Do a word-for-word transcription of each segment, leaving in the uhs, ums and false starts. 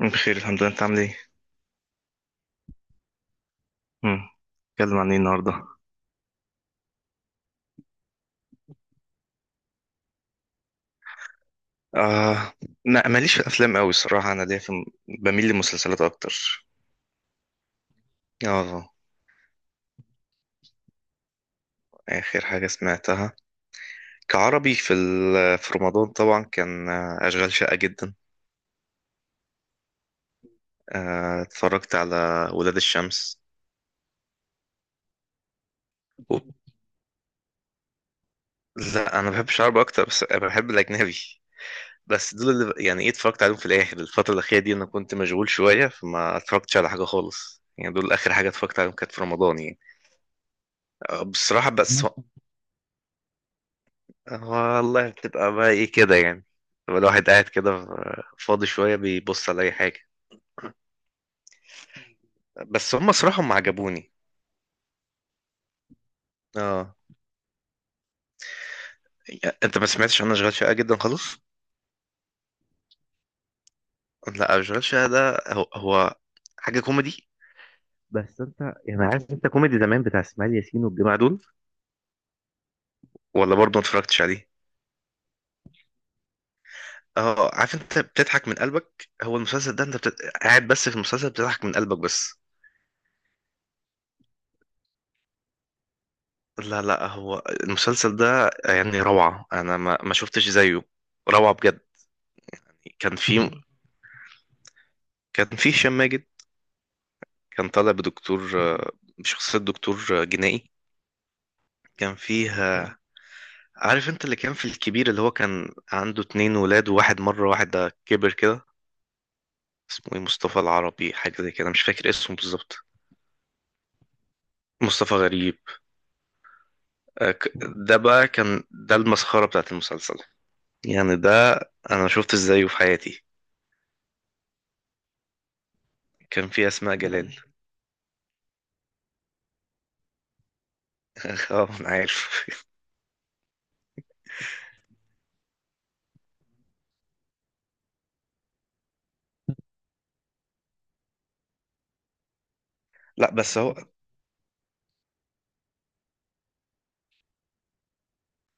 بخير الحمد لله، انت عامل ايه؟ امم اتكلم عن ايه النهارده؟ آه، ما ماليش في الافلام قوي الصراحه. انا ليا في، بميل للمسلسلات اكتر. اه. اخر حاجه سمعتها كعربي في ال... في رمضان طبعا كان آه، اشغال شاقه جدا. آه، اتفرجت على ولاد الشمس. و- لا، انا بحب العربي اكتر، بس انا بحب الاجنبي. بس دول اللي ب- يعني ايه اتفرجت عليهم في الاخر. الفتره الاخيره دي انا كنت مشغول شويه فما اتفرجتش على حاجه خالص، يعني دول اخر حاجه اتفرجت عليهم، كانت في رمضان يعني. آه، بصراحه بس. والله بتبقى بقى ايه كده يعني، بتبقى الواحد قاعد كده فاضي شوية، بيبص على أي حاجة. بس هم صراحة هم عجبوني. اه، انت ما سمعتش، انا اشغال شقة جدا خالص. لا، اشغال شقة ده هو, هو حاجة كوميدي. بس انت يعني عارف، انت كوميدي زمان بتاع اسماعيل ياسين والجماعه دول، ولا برضه ما اتفرجتش عليه. اه، عارف انت بتضحك من قلبك، هو المسلسل ده انت بت... قاعد بس في المسلسل بتضحك من قلبك بس. لا لا، هو المسلسل ده يعني روعة، انا ما, ما شفتش زيه. روعة بجد. كان في كان في هشام ماجد. كان طالع بدكتور، آه، بشخصية دكتور آه، جنائي. كان فيها، عارف انت اللي كان في الكبير، اللي هو كان عنده اتنين ولاد وواحد مرة، واحد ده كبر كده، اسمه ايه، مصطفى العربي حاجة زي كده، مش فاكر اسمه بالظبط. مصطفى غريب. آه، ك- ده بقى كان ده المسخرة بتاعت المسلسل. يعني ده انا شفت ازايه في حياتي. كان في اسماء جلال. اه انا عارف. لا بس هو.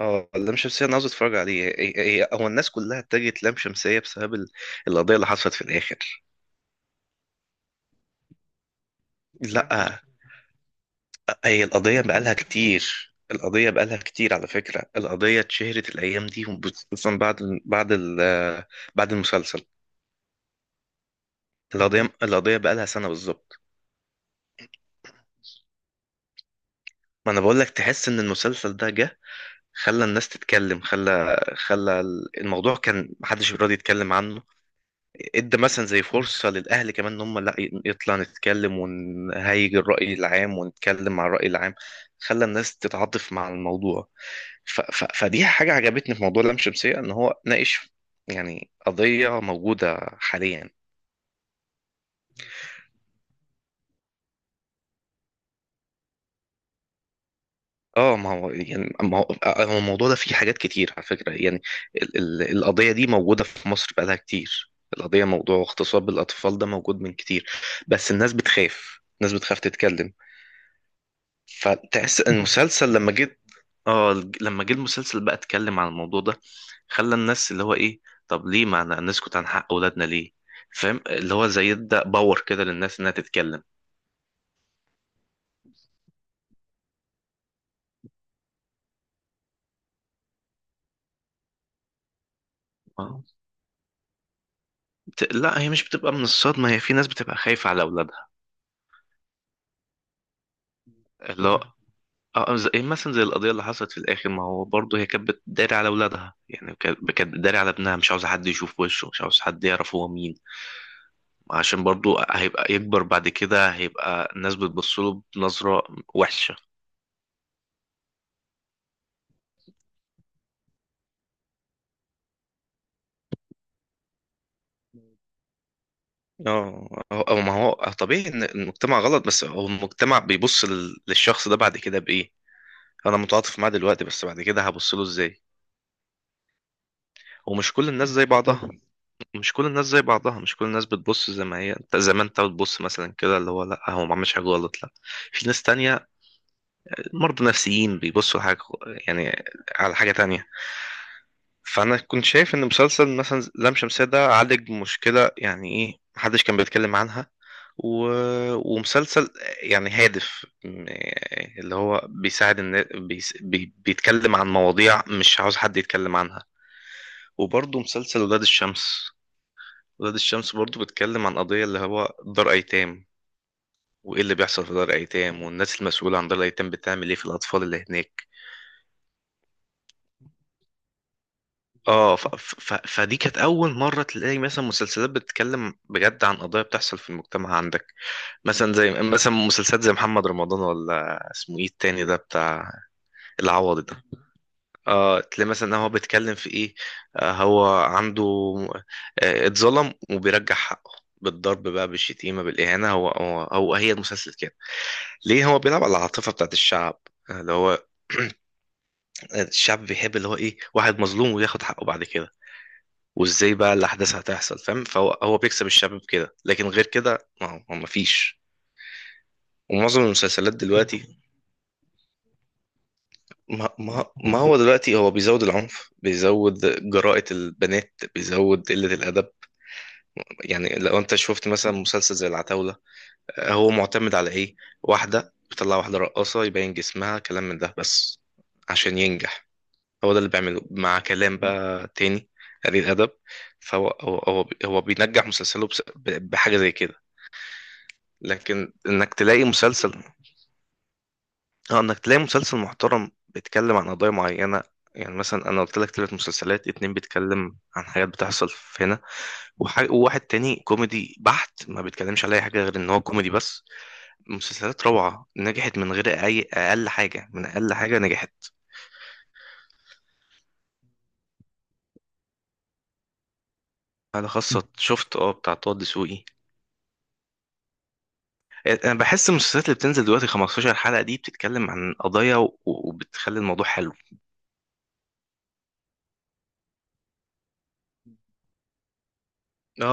اه، اللام شمسية انا عاوز اتفرج عليه. إيه- إيه- هو الناس كلها اتجهت لام شمسية بسبب ال- القضية اللي حصلت في الاخر. لا، هي القضية بقالها كتير، القضية بقالها كتير على فكرة. القضية اتشهرت الايام دي، خصوصا بعد، بعد ال- بعد المسلسل. القضية، القضية بقالها سنة بالظبط. ما انا بقول لك، تحس ان المسلسل ده جه خلى الناس تتكلم، خلى خلى الموضوع، كان محدش راضي يتكلم عنه. ادى مثلا زي فرصة للأهل كمان، إن هم لا، يطلع نتكلم ونهيج الرأي العام ونتكلم مع الرأي العام، خلى الناس تتعاطف مع الموضوع. ف ف فدي حاجة عجبتني في موضوع لام شمسية، إن هو ناقش يعني قضية موجودة حاليا. اه، ما هو يعني، ما هو هو الموضوع ده فيه حاجات كتير على فكرة يعني. ال ال القضية دي موجودة في مصر بقالها كتير. القضية، موضوع اغتصاب الأطفال ده موجود من كتير، بس الناس بتخاف، الناس بتخاف تتكلم. فتحس ان المسلسل لما جيت، اه الج- لما جه المسلسل بقى اتكلم عن الموضوع ده، خلى الناس اللي هو ايه، طب ليه ما ن- نسكت عن حق اولادنا ليه؟ فاهم اللي هو زي يبدأ باور كده للناس انها تتكلم. اه. بت... لا، هي مش بتبقى من الصدمة، هي في ناس بتبقى خايفة على اولادها. اللي هو، اه، آه، زي مثلا زي القضية اللي حصلت في الآخر، ما هو برضه هي كانت بتداري على اولادها يعني، كانت كانت بتداري على ابنها، مش عاوزة حد يشوف وشه، مش عاوز حد يعرف هو مين، عشان برضو هيبقى يكبر بعد كده، هيبقى الناس بتبصله بنظرة وحشة. اه، هو- هو- ما هو طبيعي ان المجتمع غلط، بس هو المجتمع بيبص لل- للشخص ده بعد كده بايه. انا متعاطف معاه دلوقتي، بس بعد كده هبص له ازاي. ومش كل الناس زي بعضها، مش كل الناس زي بعضها، مش كل الناس بتبص زي ما هي انت، زي ما انت بتبص مثلا كده، اللي هو لا هو ما عملش حاجه غلط، لا. في ناس تانية مرضى نفسيين، بيبصوا حاجه يعني على حاجه تانية. فانا كنت شايف ان مسلسل مثلا لام شمسية ده عالج مشكلة يعني ايه، محدش كان بيتكلم عنها. و... ومسلسل يعني هادف، م- اللي هو بيساعد الناس، بيس... بي... بيتكلم عن مواضيع مش عاوز حد يتكلم عنها. وبرضه مسلسل ولاد الشمس، ولاد الشمس برضه بيتكلم عن قضية اللي هو دار ايتام، وايه اللي بيحصل في دار ايتام، والناس المسؤولة عن دار الايتام بتعمل ايه في الاطفال اللي هناك. اه، ف... ف... ف- فدي كانت اول مره تلاقي مثلا مسلسلات بتتكلم بجد عن قضايا بتحصل في المجتمع عندك. مثلا زي مثلا مسلسلات زي محمد رمضان، ولا اسمه ايه التاني ده بتاع العوضي ده. اه، تلاقي مثلا إن هو بيتكلم في ايه، آه هو عنده، آه اتظلم وبيرجع حقه بالضرب بقى، بالشتيمه، بالاهانه. هو هو, هو هي المسلسل كده. ليه؟ هو بيلعب على العاطفه بتاعت الشعب. آه، اللي هو الشعب بيحب اللي هو ايه، واحد مظلوم وياخد حقه بعد كده. وازاي بقى الاحداث هتحصل، فاهم؟ فهو هو بيكسب الشباب كده، لكن غير كده ما ما فيش. ومعظم المسلسلات دلوقتي، ما, ما, ما هو دلوقتي هو بيزود العنف، بيزود جراءة البنات، بيزود قلة الأدب. يعني لو أنت شفت مثلا مسلسل زي العتاولة، هو معتمد على إيه؟ واحدة بتطلع واحدة رقاصة، يبين جسمها، كلام من ده بس عشان ينجح. هو ده اللي بيعمله، مع كلام بقى تاني قليل أدب. فهو هو هو هو بينجح مسلسله بس- بحاجة زي كده. لكن انك تلاقي مسلسل، اه، انك تلاقي مسلسل محترم بيتكلم عن قضايا معينة، يعني مثلا انا قلت لك ثلاث مسلسلات، اتنين بيتكلم عن حاجات بتحصل في هنا، وح- وواحد تاني كوميدي بحت، ما بيتكلمش على اي حاجة غير ان هو كوميدي بس. مسلسلات روعة نجحت من غير اي اقل حاجة، من اقل حاجة نجحت. على خاصة شفت، اه، بتاع طه دسوقي. انا بحس المسلسلات اللي بتنزل دلوقتي خمستاشر حلقة دي بتتكلم عن قضايا، و- وبتخلي الموضوع حلو. اه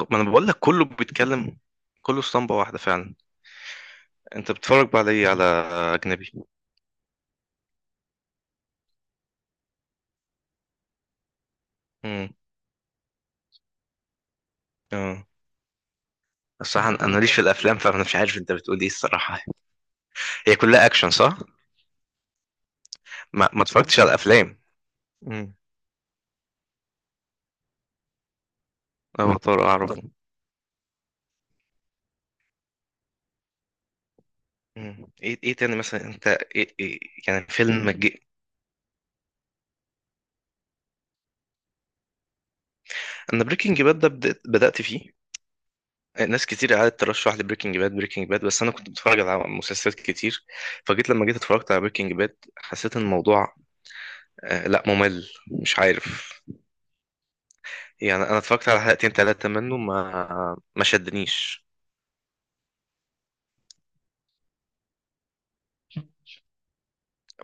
اه، ما انا بقول لك، كله بيتكلم. كله اسطمبة واحدة فعلا. انت بتتفرج بقى على ايه، على اجنبي؟ امم اه، الصراحة انا، أنا ماليش في الافلام، فانا مش عارف انت بتقول ايه الصراحة. هي كلها اكشن، صح؟ ما ما اتفرجتش على الافلام. امم افاتار اعرفه. امم ايه ايه تاني مثلا انت، إيه إيه يعني فيلم جي... انا بريكنج باد ده بدأت, بدأت فيه. ناس كتير قعدت ترشح لي بريكنج باد، بريكنج باد بس انا كنت بتفرج على مسلسلات كتير، فجيت لما جيت اتفرجت على بريكنج باد، حسيت ان الموضوع، آه، لا، ممل، مش عارف. يعني انا اتفرجت على حلقتين ثلاثه منه، ما ما شدنيش.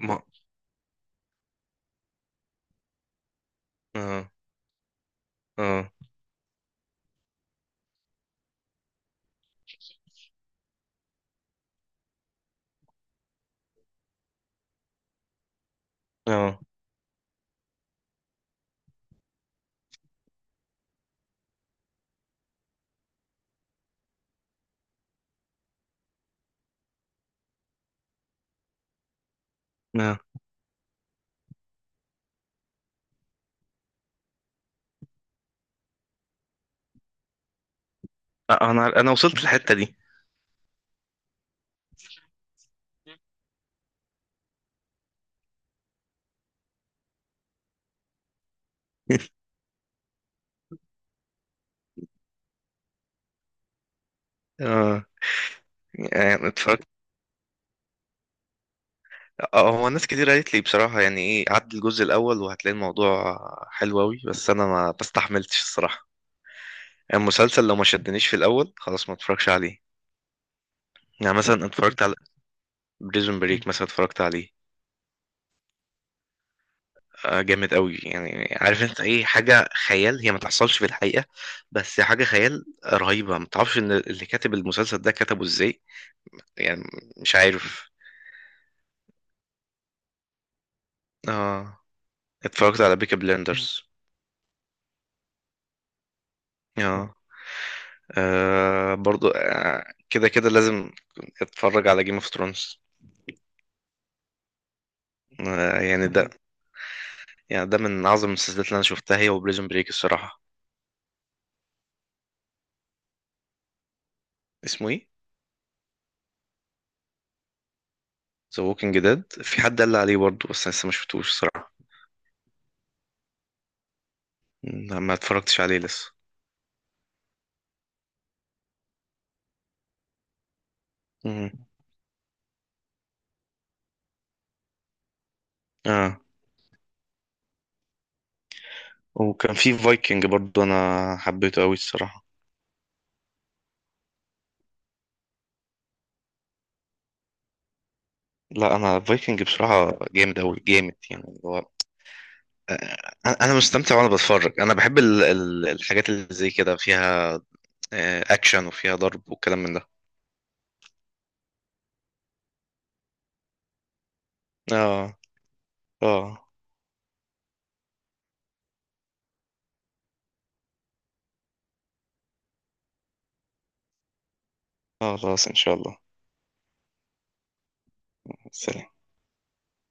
ما اه اه اه اه. آه، انا انا وصلت للحته دي. اه يعني اتفرجت. اه، هو ناس كتير قالت لي بصراحه يعني ايه، عدي الجزء الاول وهتلاقي الموضوع حلو قوي، بس انا ما بستحملتش الصراحه. يعني المسلسل لو ما شدنيش في الاول، خلاص ما اتفرجش عليه. يعني مثلا اتفرجت على بريزون بريك، مثلا اتفرجت عليه. آه، جامد قوي، يعني عارف انت ايه، حاجة خيال، هي ما تحصلش في الحقيقة، بس حاجة خيال رهيبة. ما تعرفش ان اللي كاتب المسلسل ده كتبه ازاي يعني، مش عارف. اه، اتفرجت على بيكي بلندرز. اه، آه، برضو. آه، كده كده لازم اتفرج على جيم اوف ثرونز. آه، يعني ده، يعني ده من اعظم المسلسلات اللي انا شفتها، هي وبريزون بريك الصراحة. اسمه ايه؟ ذا ووكينج ديد، في حد قال لي عليه برضو، بس أنا لسه ما شفتوش الصراحة. لا، ما اتفرجتش عليه لسه. مم. اه، وكان في فايكنج برضو، انا حبيته قوي الصراحه. لا، انا فايكنج بصراحه جامد قوي، جامد يعني، اللي هو، آه، انا مستمتع وانا بتفرج. انا بحب ال- ال- الحاجات اللي زي كده، فيها آه، اكشن وفيها ضرب والكلام من ده. اه اه. اه خلاص ان شاء الله. سلام.